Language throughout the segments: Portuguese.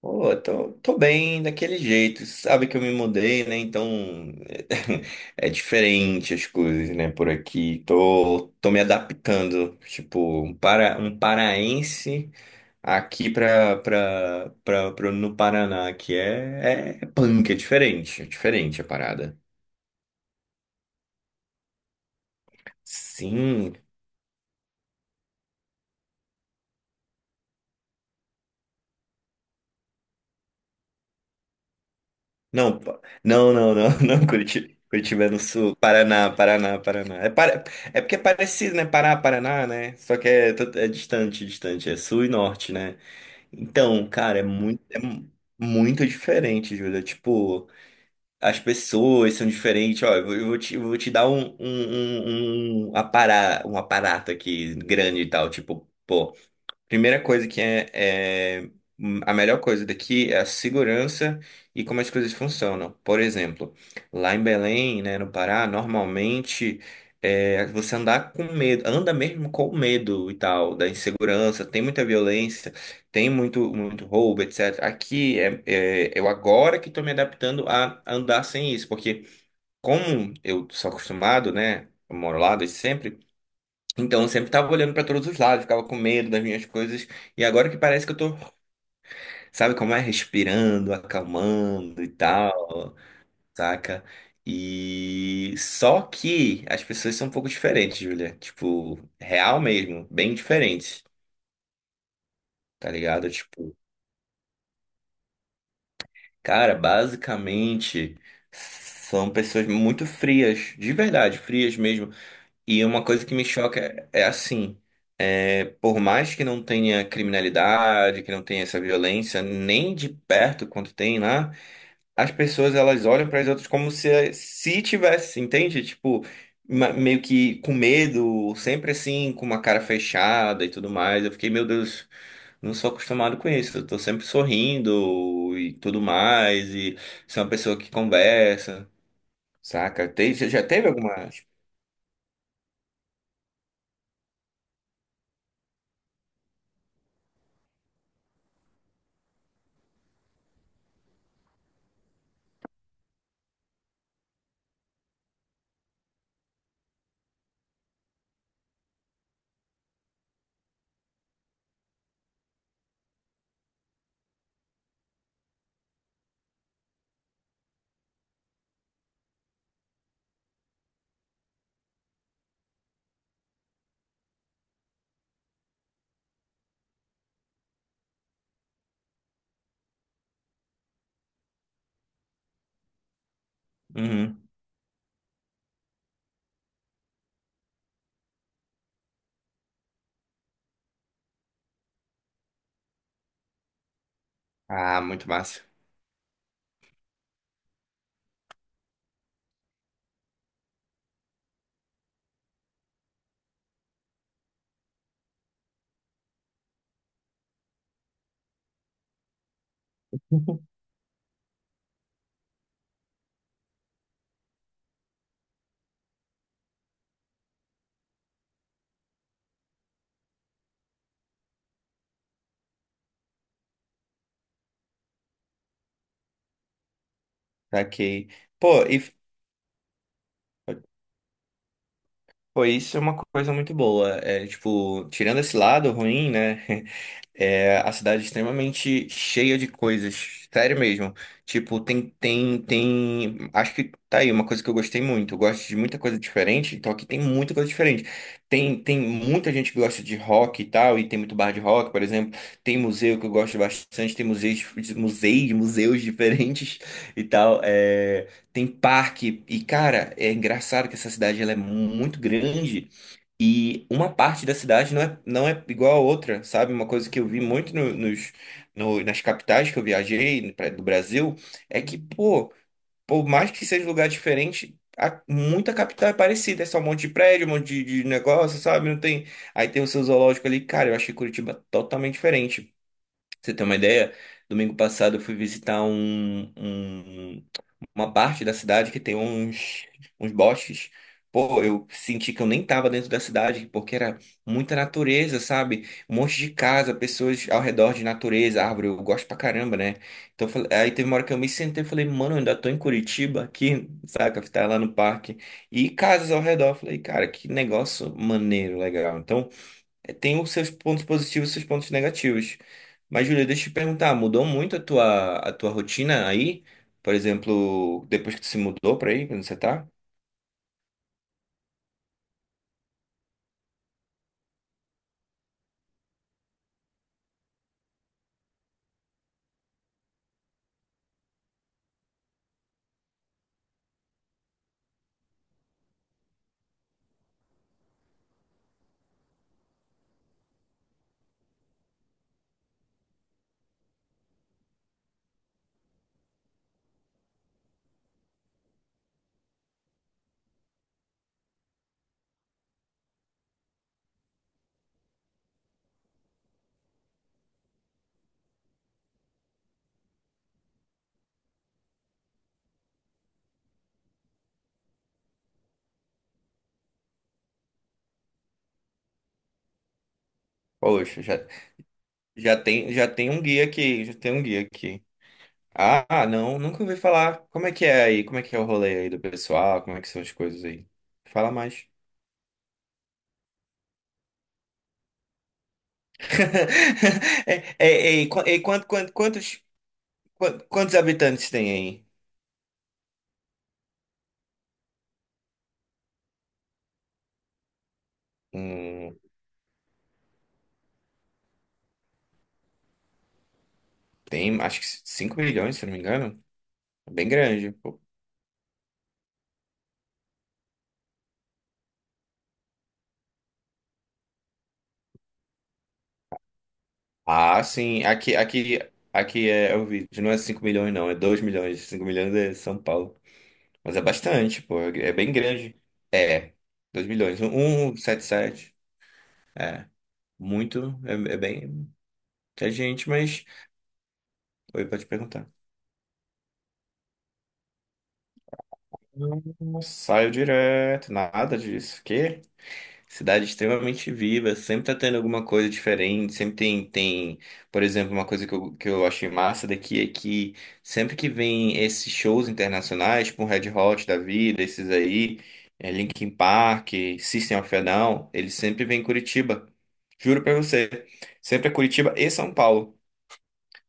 Pô, tô bem daquele jeito. Sabe que eu me mudei, né? Então é diferente as coisas, né? Por aqui. Tô me adaptando. Tipo, um paraense aqui no Paraná, que é punk, é diferente. É diferente a parada. Sim, não, não, não, não, não, Curitiba. Curitiba é no sul. Paraná, Paraná, Paraná. É. É porque é parecido, né? Pará, Paraná, né? Só que é distante, distante. É sul e norte, né? Então, cara, é muito diferente, Júlia. Tipo, as pessoas são diferentes. Ó, eu vou te dar um aparato aqui grande e tal. Tipo, primeira coisa é- a melhor coisa daqui é a segurança e como as coisas funcionam. Por exemplo, lá em Belém, né, no Pará, normalmente você andar com medo, anda mesmo com medo e tal, da insegurança, tem muita violência, tem muito, muito roubo, etc. Aqui eu agora que estou me adaptando a andar sem isso, porque como eu sou acostumado, né, eu moro lá desde sempre. Então, eu sempre tava olhando pra todos os lados, ficava com medo das minhas coisas. E agora que parece que eu tô, sabe como é? Respirando, acalmando e tal, saca? E só que as pessoas são um pouco diferentes, Julia. Tipo, real mesmo, bem diferentes, tá ligado? Tipo, cara, basicamente são pessoas muito frias, de verdade, frias mesmo. E uma coisa que me choca é assim. É, por mais que não tenha criminalidade, que não tenha essa violência, nem de perto quanto tem lá, as pessoas elas olham para as outras como se tivesse, entende? Tipo, meio que com medo, sempre assim, com uma cara fechada e tudo mais. Eu fiquei, meu Deus, não sou acostumado com isso. Eu tô sempre sorrindo e tudo mais, e sou uma pessoa que conversa, saca? Tem, já teve alguma? Uhum. Ah, muito massa. Saquei. Pô, e. Pô, isso é uma coisa muito boa. É, tipo, tirando esse lado ruim, né? É. A cidade é extremamente cheia de coisas. Sério mesmo. Tipo, tem, tem, tem. acho que tá aí uma coisa que eu gostei muito. Eu gosto de muita coisa diferente, então aqui tem muita coisa diferente. Tem muita gente que gosta de rock e tal, e tem muito bar de rock, por exemplo. Tem museu que eu gosto bastante, tem museus diferentes e tal. É, tem parque. E, cara, é engraçado que essa cidade ela é muito grande. E uma parte da cidade não é igual a outra, sabe? Uma coisa que eu vi muito no- nos, no- nas capitais que eu viajei do Brasil é que, pô, por mais que seja um lugar diferente, muita capital é parecida. É só um monte de prédio, um monte de negócio, sabe? Não tem. Aí tem o seu zoológico ali. Cara, eu achei Curitiba totalmente diferente. Pra Você tem uma ideia? Domingo passado eu fui visitar uma parte da cidade que tem uns bosques. Pô, eu senti que eu nem tava dentro da cidade, porque era muita natureza, sabe? Um monte de casa, pessoas ao redor de natureza, árvore, eu gosto pra caramba, né? Então, aí teve uma hora que eu me sentei e falei, mano, eu ainda tô em Curitiba aqui, saca? Tá lá no parque. E casas ao redor. Eu falei, cara, que negócio maneiro, legal. Então, tem os seus pontos positivos e os seus pontos negativos. Mas, Júlia, deixa eu te perguntar, mudou muito a tua rotina aí? Por exemplo, depois que tu se mudou pra aí, quando você tá? Poxa, já tem um guia aqui, já tem um guia aqui. Ah, não, nunca ouvi falar. Como é que é aí? Como é que é o rolê aí do pessoal? Como é que são as coisas aí? Fala mais. É, é, é, qu- é, quanto, quanto- quantos, quantos habitantes tem aí? Hum, Tem, acho que 5 milhões, se eu não me engano. É bem grande. Ah, sim. Aqui é o vídeo. Não é 5 milhões, não. É 2 milhões. 5 milhões é São Paulo. Mas é bastante, pô. É bem grande. É. 2 milhões. Um, sete. Muito. É bem. É gente, mas. Oi, pode perguntar. Não saio direto. Nada disso. Quê? Cidade extremamente viva, sempre tá tendo alguma coisa diferente, sempre tem, por exemplo, uma coisa que eu achei massa daqui é que sempre que vem esses shows internacionais, tipo um Red Hot da vida, esses aí, Linkin Park, System of a Down, eles sempre vêm em Curitiba, juro pra você, sempre é Curitiba e São Paulo.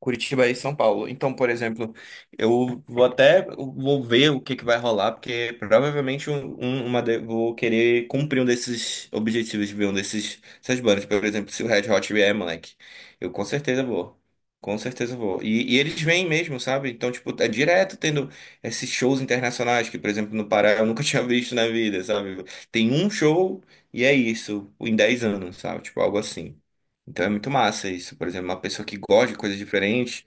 Curitiba e São Paulo. Então, por exemplo, eu vou até vou ver o que que vai rolar, porque provavelmente vou querer cumprir um desses objetivos de ver um desses essas bandas. Por exemplo, se o Red Hot vier, moleque, eu com certeza vou. Com certeza vou. E eles vêm mesmo, sabe? Então, tipo, é direto tendo esses shows internacionais que, por exemplo, no Pará eu nunca tinha visto na vida, sabe? Tem um show e é isso, em 10 anos, sabe? Tipo, algo assim. Então é muito massa isso. Por exemplo, uma pessoa que gosta de coisas diferentes.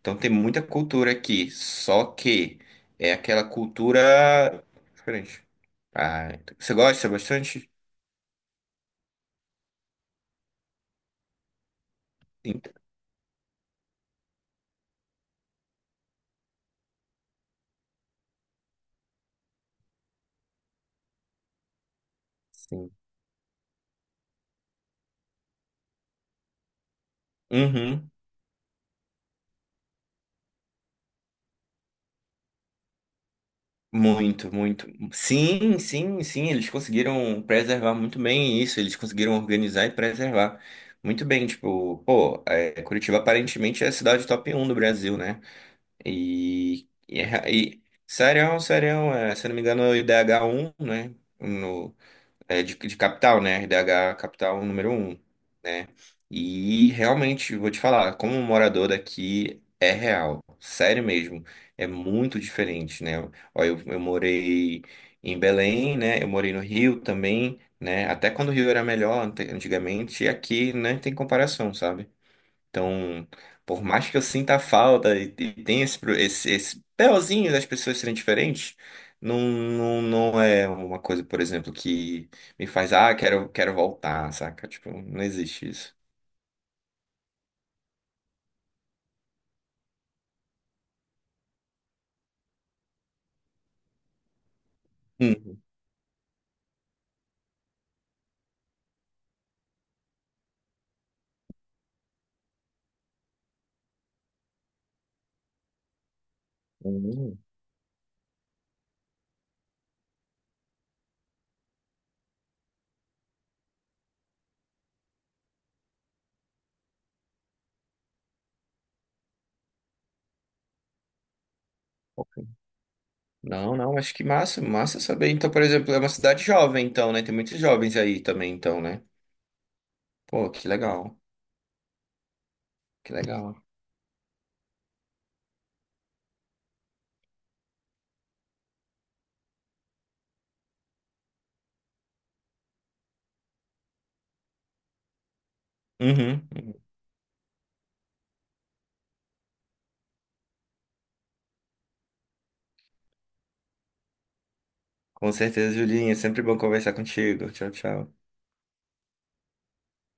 Então tem muita cultura aqui. Só que é aquela cultura diferente. Ah, então, você gosta bastante? Sim. Sim. Uhum. Muito, muito. Sim, sim, sim. Eles conseguiram preservar muito bem isso. Eles conseguiram organizar e preservar muito bem. Tipo, pô, Curitiba aparentemente é a cidade top um do Brasil, né? E, e, é ra- e Serião, Serião, se eu não me engano, é o IDH um, né? No, de capital, né? IDH capital número um, né? E realmente, vou te falar, como um morador daqui, é real, sério mesmo. É muito diferente, né? Ó, eu morei em Belém, né? Eu morei no Rio também, né? Até quando o Rio era melhor antigamente, e aqui não tem comparação, sabe? Então, por mais que eu sinta a falta e tenha esse BOzinho das pessoas serem diferentes, não, não, não é uma coisa, por exemplo, que me faz, ah, quero voltar, saca? Tipo, não existe isso. Uhum. Uhum. Ok. Não, não, acho que massa, massa saber. Então, por exemplo, é uma cidade jovem, então, né? Tem muitos jovens aí também, então, né? Pô, que legal, que legal. Uhum. Uhum. Com certeza, Julinha, sempre bom conversar contigo. Tchau, tchau.